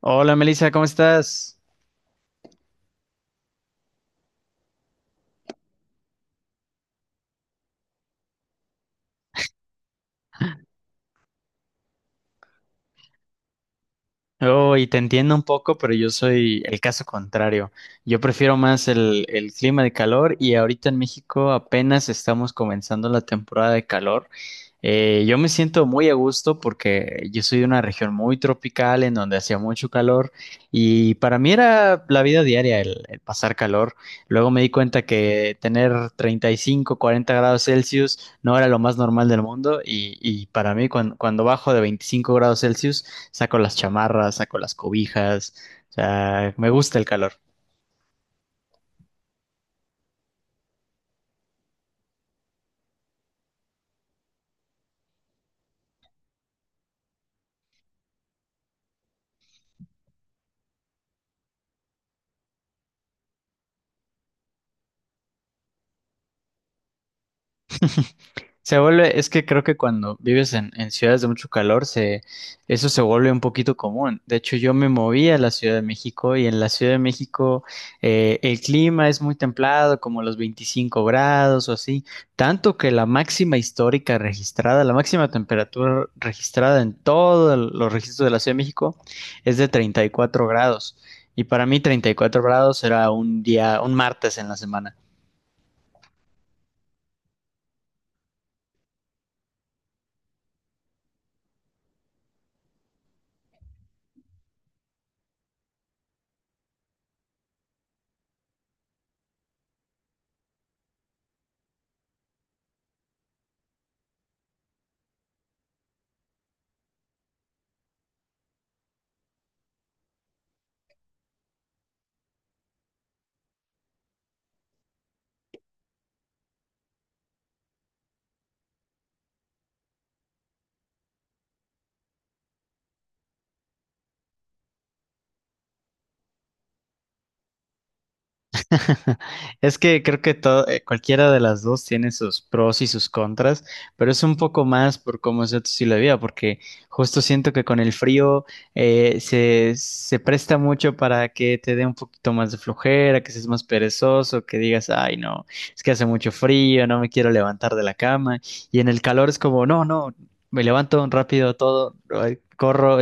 Hola Melissa, ¿cómo estás? Oh, y te entiendo un poco, pero yo soy el caso contrario. Yo prefiero más el clima de calor y ahorita en México apenas estamos comenzando la temporada de calor. Yo me siento muy a gusto porque yo soy de una región muy tropical en donde hacía mucho calor y para mí era la vida diaria el pasar calor. Luego me di cuenta que tener 35, 40 grados Celsius no era lo más normal del mundo y, y para mí cuando bajo de 25 grados Celsius saco las chamarras, saco las cobijas, o sea, me gusta el calor. Es que creo que cuando vives en ciudades de mucho calor, eso se vuelve un poquito común. De hecho, yo me moví a la Ciudad de México y en la Ciudad de México el clima es muy templado, como los 25 grados o así, tanto que la máxima histórica registrada, la máxima temperatura registrada en todos los registros de la Ciudad de México es de 34 grados. Y para mí 34 grados era un día, un martes en la semana. Es que creo que todo, cualquiera de las dos tiene sus pros y sus contras, pero es un poco más por cómo es tu estilo de vida, porque justo siento que con el frío se presta mucho para que te dé un poquito más de flojera, que seas más perezoso, que digas, ay, no, es que hace mucho frío, no me quiero levantar de la cama, y en el calor es como, no, no, me levanto rápido todo, ay, corro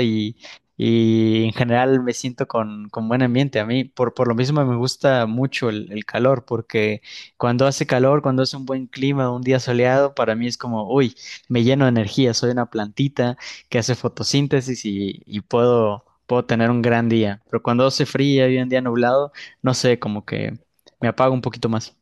y en general me siento con buen ambiente. A mí, por lo mismo, me gusta mucho el calor, porque cuando hace calor, cuando hace un buen clima, un día soleado, para mí es como, uy, me lleno de energía, soy una plantita que hace fotosíntesis y, puedo tener un gran día. Pero cuando hace frío y un día nublado, no sé, como que me apago un poquito más.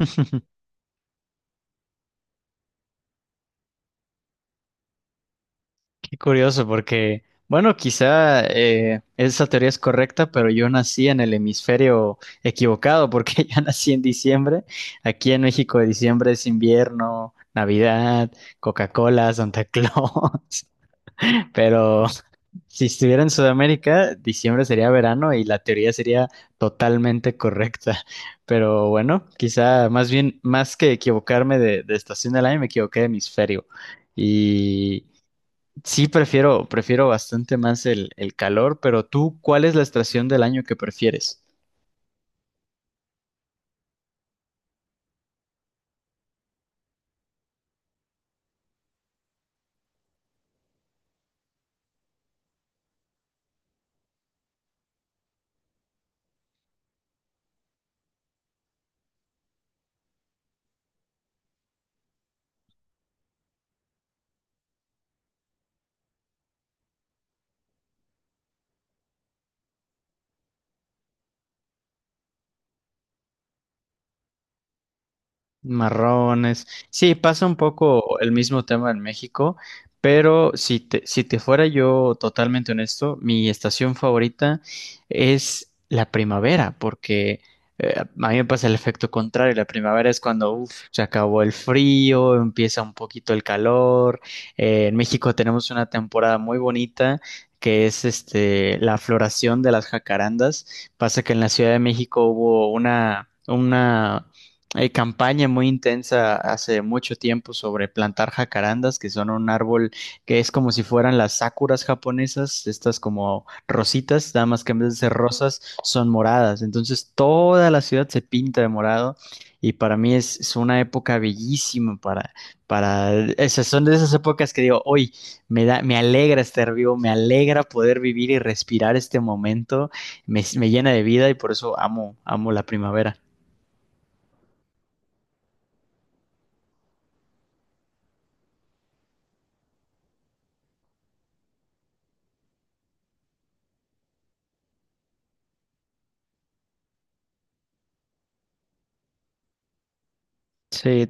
Qué curioso, porque, bueno, quizá esa teoría es correcta, pero yo nací en el hemisferio equivocado, porque yo nací en diciembre. Aquí en México, diciembre es invierno, Navidad, Coca-Cola, Santa Claus. Pero si estuviera en Sudamérica, diciembre sería verano y la teoría sería totalmente correcta. Pero bueno, quizá más bien, más que equivocarme de estación del año, me equivoqué de hemisferio. Y. Sí, prefiero bastante más el calor, pero tú, ¿cuál es la estación del año que prefieres? Marrones. Sí, pasa un poco el mismo tema en México, pero si te fuera yo totalmente honesto, mi estación favorita es la primavera, porque a mí me pasa el efecto contrario. La primavera es cuando uf, se acabó el frío, empieza un poquito el calor. En México tenemos una temporada muy bonita. Que es este la floración de las jacarandas. Pasa que en la Ciudad de México hubo una hay campaña muy intensa hace mucho tiempo sobre plantar jacarandas, que son un árbol que es como si fueran las sakuras japonesas, estas como rositas, nada más que en vez de ser rosas son moradas. Entonces toda la ciudad se pinta de morado y para mí es una época bellísima para, esas son de esas épocas que digo, hoy me alegra estar vivo, me alegra poder vivir y respirar este momento, me llena de vida y por eso amo la primavera. Sí,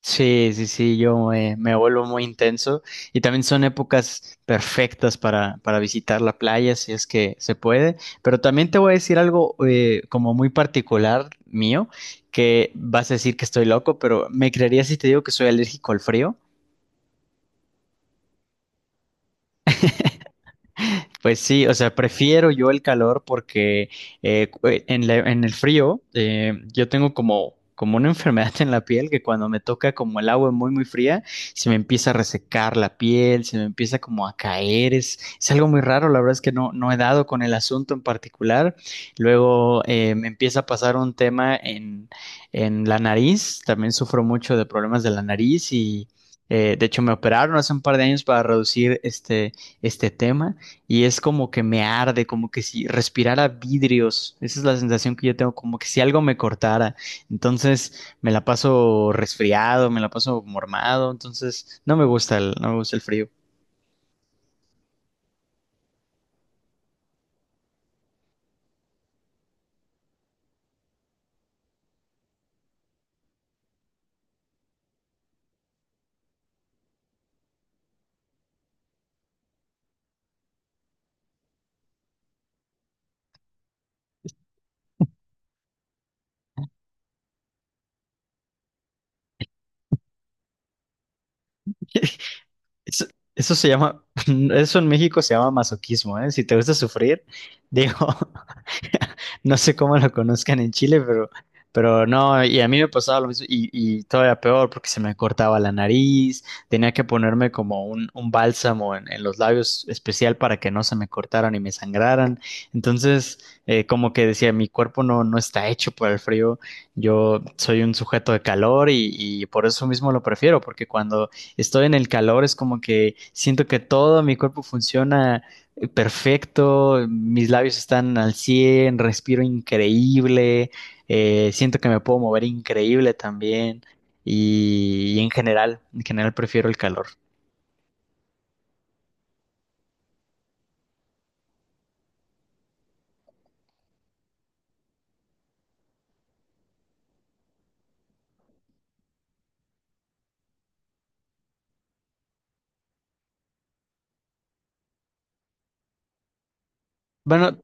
sí, yo vuelvo muy intenso y también son épocas perfectas para visitar la playa si es que se puede, pero también te voy a decir algo como muy particular mío, que vas a decir que estoy loco, pero ¿me creerías si te digo que soy alérgico al frío? Pues sí, o sea, prefiero yo el calor porque en el frío yo tengo como, como una enfermedad en la piel que cuando me toca como el agua muy, muy fría, se me empieza a resecar la piel, se me empieza como a caer, es algo muy raro, la verdad es que no, no he dado con el asunto en particular. Luego me empieza a pasar un tema en la nariz, también sufro mucho de problemas de la nariz y... de hecho, me operaron hace un par de años para reducir este tema y es como que me arde, como que si respirara vidrios. Esa es la sensación que yo tengo, como que si algo me cortara. Entonces me la paso resfriado, me la paso mormado, entonces no me gusta no me gusta el frío. Eso, eso se llama, eso en México se llama masoquismo, ¿eh? Si te gusta sufrir, digo, no sé cómo lo conozcan en Chile, pero no, y a mí me pasaba lo mismo y todavía peor porque se me cortaba la nariz, tenía que ponerme como un bálsamo en los labios especial para que no se me cortaran y me sangraran. Entonces, como que decía, mi cuerpo no, no está hecho para el frío, yo soy un sujeto de calor y por eso mismo lo prefiero, porque cuando estoy en el calor es como que siento que todo mi cuerpo funciona perfecto, mis labios están al 100, respiro increíble, siento que me puedo mover increíble también y en general prefiero el calor. Bueno,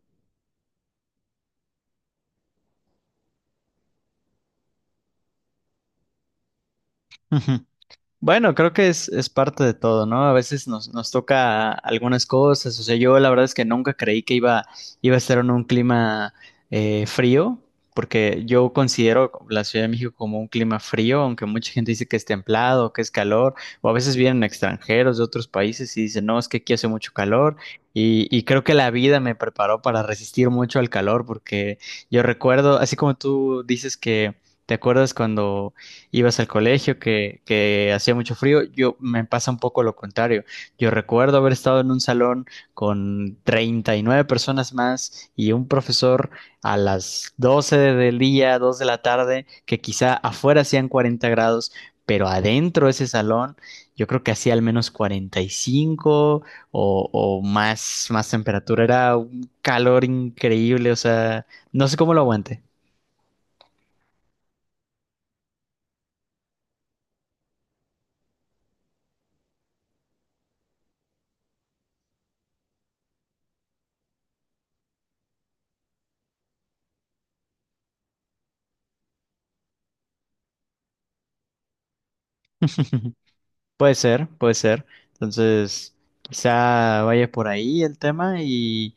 bueno, creo que es parte de todo, ¿no? A veces nos toca algunas cosas. O sea, yo la verdad es que nunca creí que iba a estar en un clima frío, porque yo considero la Ciudad de México como un clima frío, aunque mucha gente dice que es templado, que es calor, o a veces vienen extranjeros de otros países y dicen, no, es que aquí hace mucho calor. Y creo que la vida me preparó para resistir mucho al calor, porque yo recuerdo, así como tú dices que te acuerdas cuando ibas al colegio, que hacía mucho frío. Yo me pasa un poco lo contrario. Yo recuerdo haber estado en un salón con 39 personas más y un profesor a las 12 del día, 2 de la tarde, que quizá afuera hacían 40 grados, pero adentro de ese salón yo creo que hacía al menos 45 o más temperatura. Era un calor increíble, o sea, no sé cómo lo aguante. Puede ser, puede ser. Entonces, quizá vaya por ahí el tema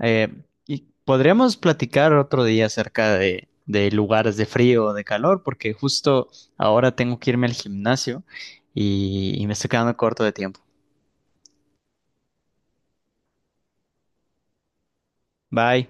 eh, y podríamos platicar otro día acerca de lugares de frío o de calor, porque justo ahora tengo que irme al gimnasio y me estoy quedando corto de tiempo. Bye.